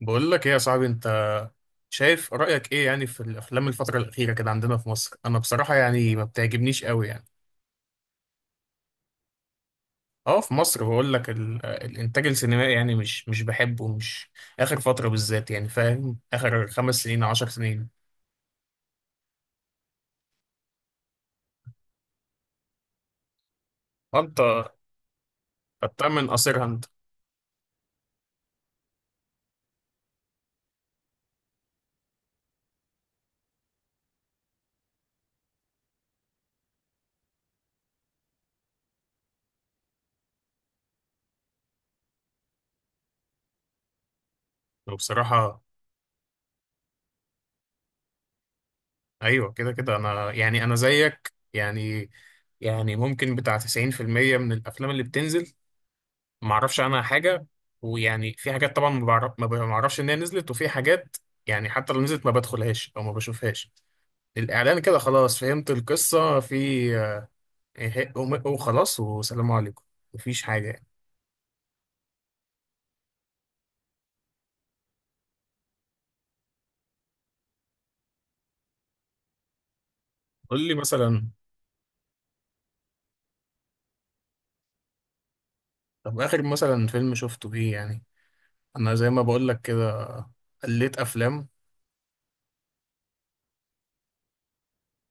بقول لك ايه يا صاحبي، انت شايف رأيك ايه يعني في الافلام الفترة الأخيرة كده عندنا في مصر؟ انا بصراحة يعني ما بتعجبنيش قوي يعني. اه في مصر بقول لك الانتاج السينمائي يعني مش بحبه، مش اخر فترة بالذات يعني، فاهم، اخر 5 سنين 10 سنين. وانت بتأمن قصيرها انت. وبصراحة، ايوه كده كده انا زيك يعني. يعني ممكن بتاع 90% من الافلام اللي بتنزل ما اعرفش عنها حاجه. ويعني في حاجات طبعا ما بعرفش ان هي نزلت، وفي حاجات يعني حتى لو نزلت ما بدخلهاش او ما بشوفهاش. الاعلان كده خلاص فهمت القصه في، وخلاص وسلام عليكم. مفيش حاجه يعني. قول لي مثلا، طب اخر مثلا فيلم شفته ايه يعني؟ انا زي ما بقول لك كده، قليت افلام،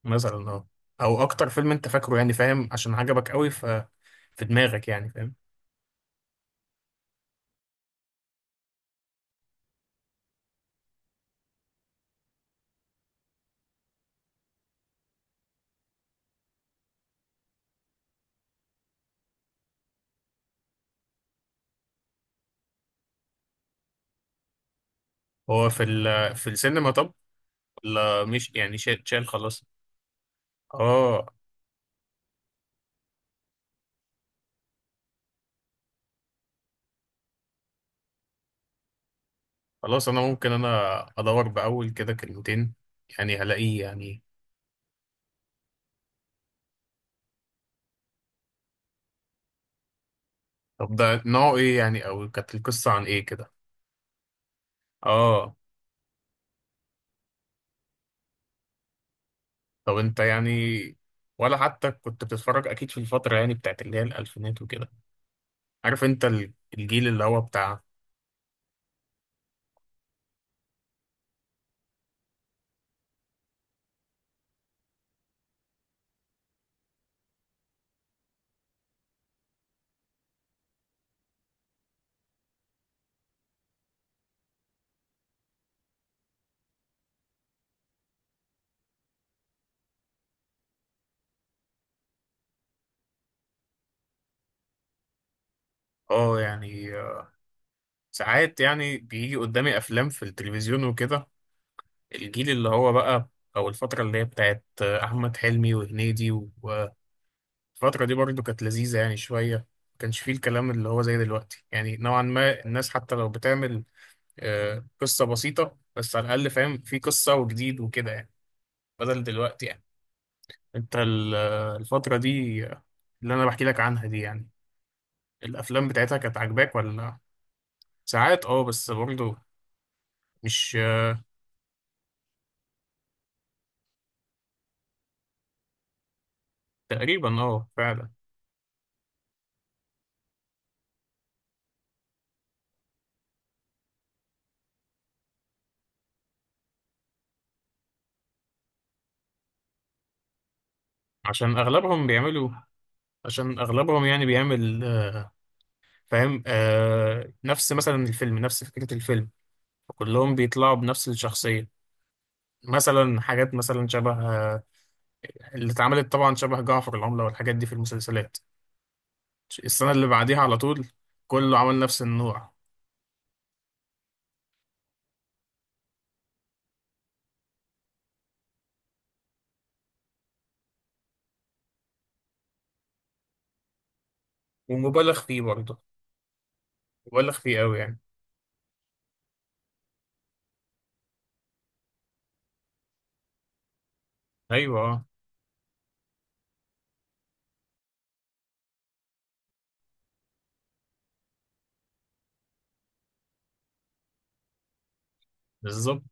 مثلا اه، او اكتر فيلم انت فاكره يعني، فاهم، عشان عجبك قوي في دماغك يعني، فاهم. هو في السينما طب، ولا مش يعني شال خلاص؟ اه. خلاص، انا ممكن ادور باول كده كلمتين يعني هلاقيه يعني. طب ده نوعه ايه يعني، او كانت القصة عن ايه كده؟ اه. طب انت يعني، ولا حتى كنت بتتفرج؟ اكيد في الفترة يعني بتاعت اللي هي الالفينات وكده، عارف انت الجيل اللي هو بتاع، اه يعني ساعات يعني بيجي قدامي افلام في التلفزيون وكده، الجيل اللي هو بقى، او الفترة اللي هي بتاعت احمد حلمي وهنيدي. الفترة دي برضو كانت لذيذة يعني شوية، ما كانش فيه الكلام اللي هو زي دلوقتي يعني، نوعا ما الناس حتى لو بتعمل قصة بسيطة، بس على الأقل فاهم في قصة وجديد وكده يعني، بدل دلوقتي يعني. أنت الفترة دي، اللي أنا بحكي لك عنها دي، يعني الأفلام بتاعتها كانت عاجباك ولا؟ ساعات أه، بس برضو مش تقريبا أه، فعلا. عشان أغلبهم بيعملوا عشان أغلبهم يعني بيعمل، فاهم، نفس مثلا الفيلم، نفس فكرة الفيلم، كلهم بيطلعوا بنفس الشخصية، مثلا حاجات مثلا شبه، اللي اتعملت طبعا شبه جعفر العملة والحاجات دي في المسلسلات، السنة اللي بعديها على طول كله عمل نفس النوع. ومبالغ فيه برضه، مبالغ فيه قوي يعني. ايوه بالظبط.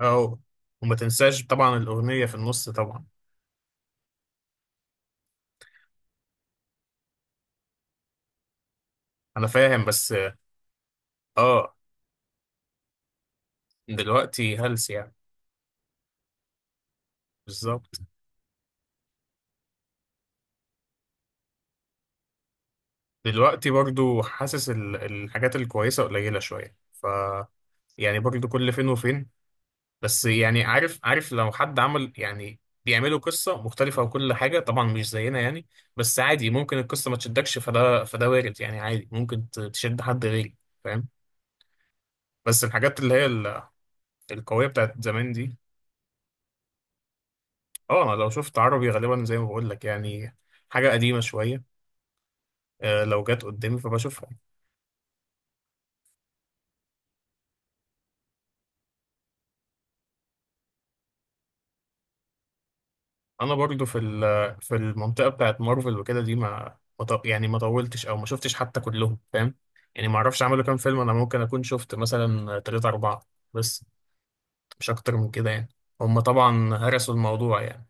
اه، وما تنساش طبعا الأغنية في النص طبعا. انا فاهم، بس آه، دلوقتي هلس يعني. بالظبط. دلوقتي برضه حاسس الحاجات الكويسة قليلة شوية، يعني برضه كل فين وفين. بس يعني عارف لو حد عمل يعني، بيعملوا قصة مختلفة وكل حاجة طبعا مش زينا يعني. بس عادي ممكن القصة ما تشدكش، فده فده وارد يعني، عادي ممكن تشد حد غيري، فاهم. بس الحاجات اللي هي القوية بتاعت زمان دي، اه انا لو شفت عربي غالبا زي ما بقول لك يعني حاجة قديمة شوية، لو جت قدامي فبشوفها. انا برضو في المنطقه بتاعت مارفل وكده دي ما ما ط- يعني ما طولتش، او ما شفتش حتى كلهم، فاهم. يعني ما اعرفش عملوا كام فيلم، انا ممكن اكون شفت مثلا تلاتة اربعة، بس مش اكتر من كده يعني. هم طبعا هرسوا الموضوع يعني.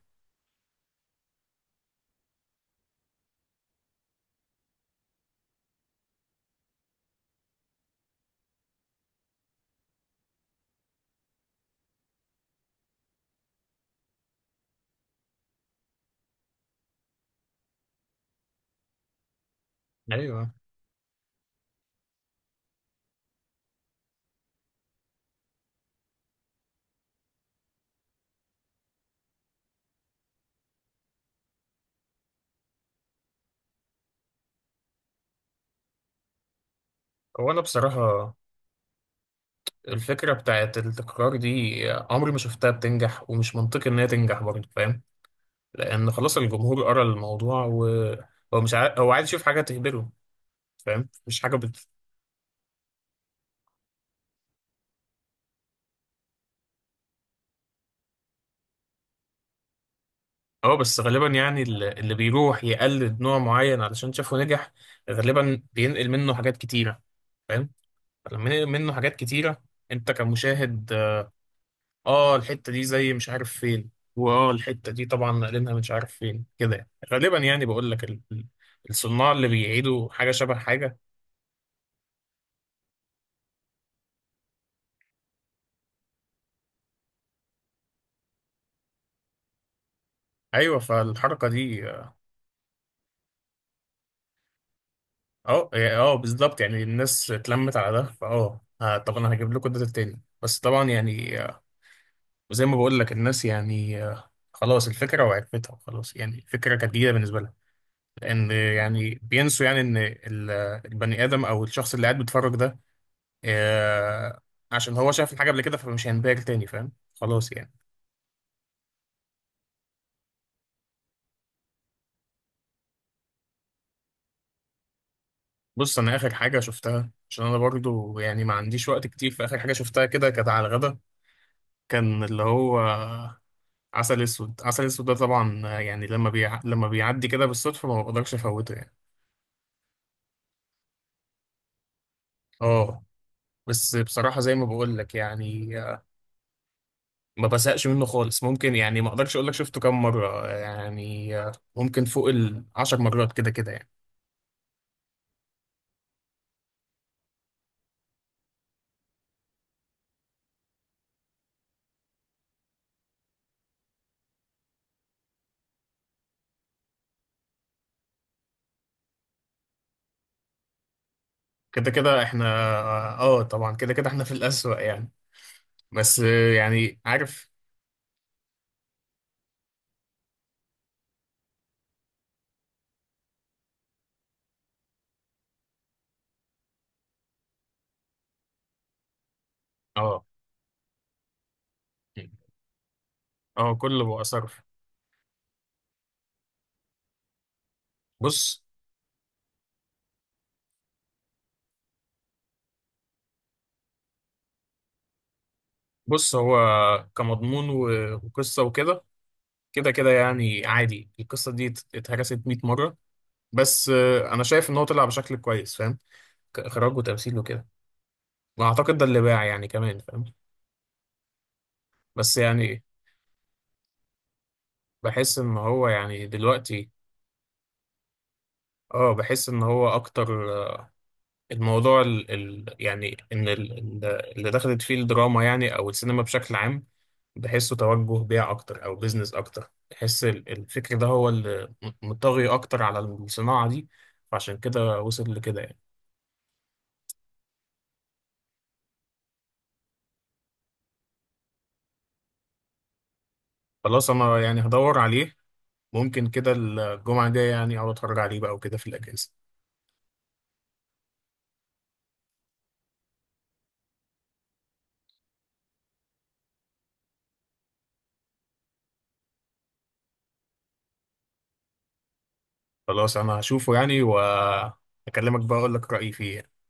ايوه. هو انا بصراحه، الفكره بتاعت التكرار دي عمري ما شفتها بتنجح، ومش منطقي ان هي تنجح برضو، فاهم. لان خلاص الجمهور قرا الموضوع، وهو مش عا... هو عايز يشوف حاجه تهبله، فاهم، مش حاجه. اه بس غالبا يعني اللي بيروح يقلد نوع معين علشان شافه نجح، غالبا بينقل منه حاجات كتيرة، فاهم. لما ينقل منه حاجات كتيرة، انت كمشاهد، الحتة دي زي مش عارف فين، واه، الحتة دي طبعا نقلنها مش عارف فين كده يعني. غالبا يعني بقول لك الصناع اللي بيعيدوا حاجة شبه حاجة. ايوه، فالحركة دي بالظبط. يعني الناس اتلمت على ده، فاه آه، طب انا هجيب لكم ده تاني، بس طبعا يعني، وزي ما بقول لك الناس يعني خلاص الفكرة، وعرفتها خلاص، يعني الفكرة كانت جديدة بالنسبة لها. لأن يعني بينسوا يعني إن البني آدم أو الشخص اللي قاعد بيتفرج ده، آه، عشان هو شاف الحاجة قبل كده فمش هينبهر تاني، فاهم خلاص يعني. بص، أنا آخر حاجة شفتها، عشان أنا برضو يعني ما عنديش وقت كتير، فآخر حاجة شفتها كده كانت على الغدا، كان اللي هو عسل أسود. عسل أسود ده طبعا يعني لما بيعدي كده بالصدفة ما بقدرش أفوته يعني. اه، بس بصراحة زي ما بقول لك، يعني ما بزهقش منه خالص. ممكن يعني ما اقدرش اقول لك شفته كام مره يعني، ممكن فوق العشر مرات كده كده يعني. كده كده احنا، طبعا كده كده احنا في الأسوأ يعني. بس يعني عارف، اه اه، كله بقى صرف. بص بص هو كمضمون وقصه وكده، كده كده يعني عادي القصه دي اتهرست 100 مره. بس انا شايف ان هو طلع بشكل كويس، فاهم، كاخراج وتمثيل وكده. واعتقد ده اللي باع يعني كمان، فاهم. بس يعني بحس ان هو يعني دلوقتي، اه بحس ان هو اكتر، الموضوع ال ال يعني ان اللي دخلت فيه الدراما يعني، او السينما بشكل عام، بحسه توجه بيع اكتر او بيزنس اكتر. بحس الفكر ده هو اللي مطغي اكتر على الصناعة دي، فعشان كده وصل لكده يعني. خلاص انا يعني هدور عليه، ممكن كده الجمعة الجاية يعني اقعد اتفرج عليه بقى وكده في الاجازة. خلاص انا هشوفه يعني، واكلمك بقى اقول لك رأيي فيه يعني.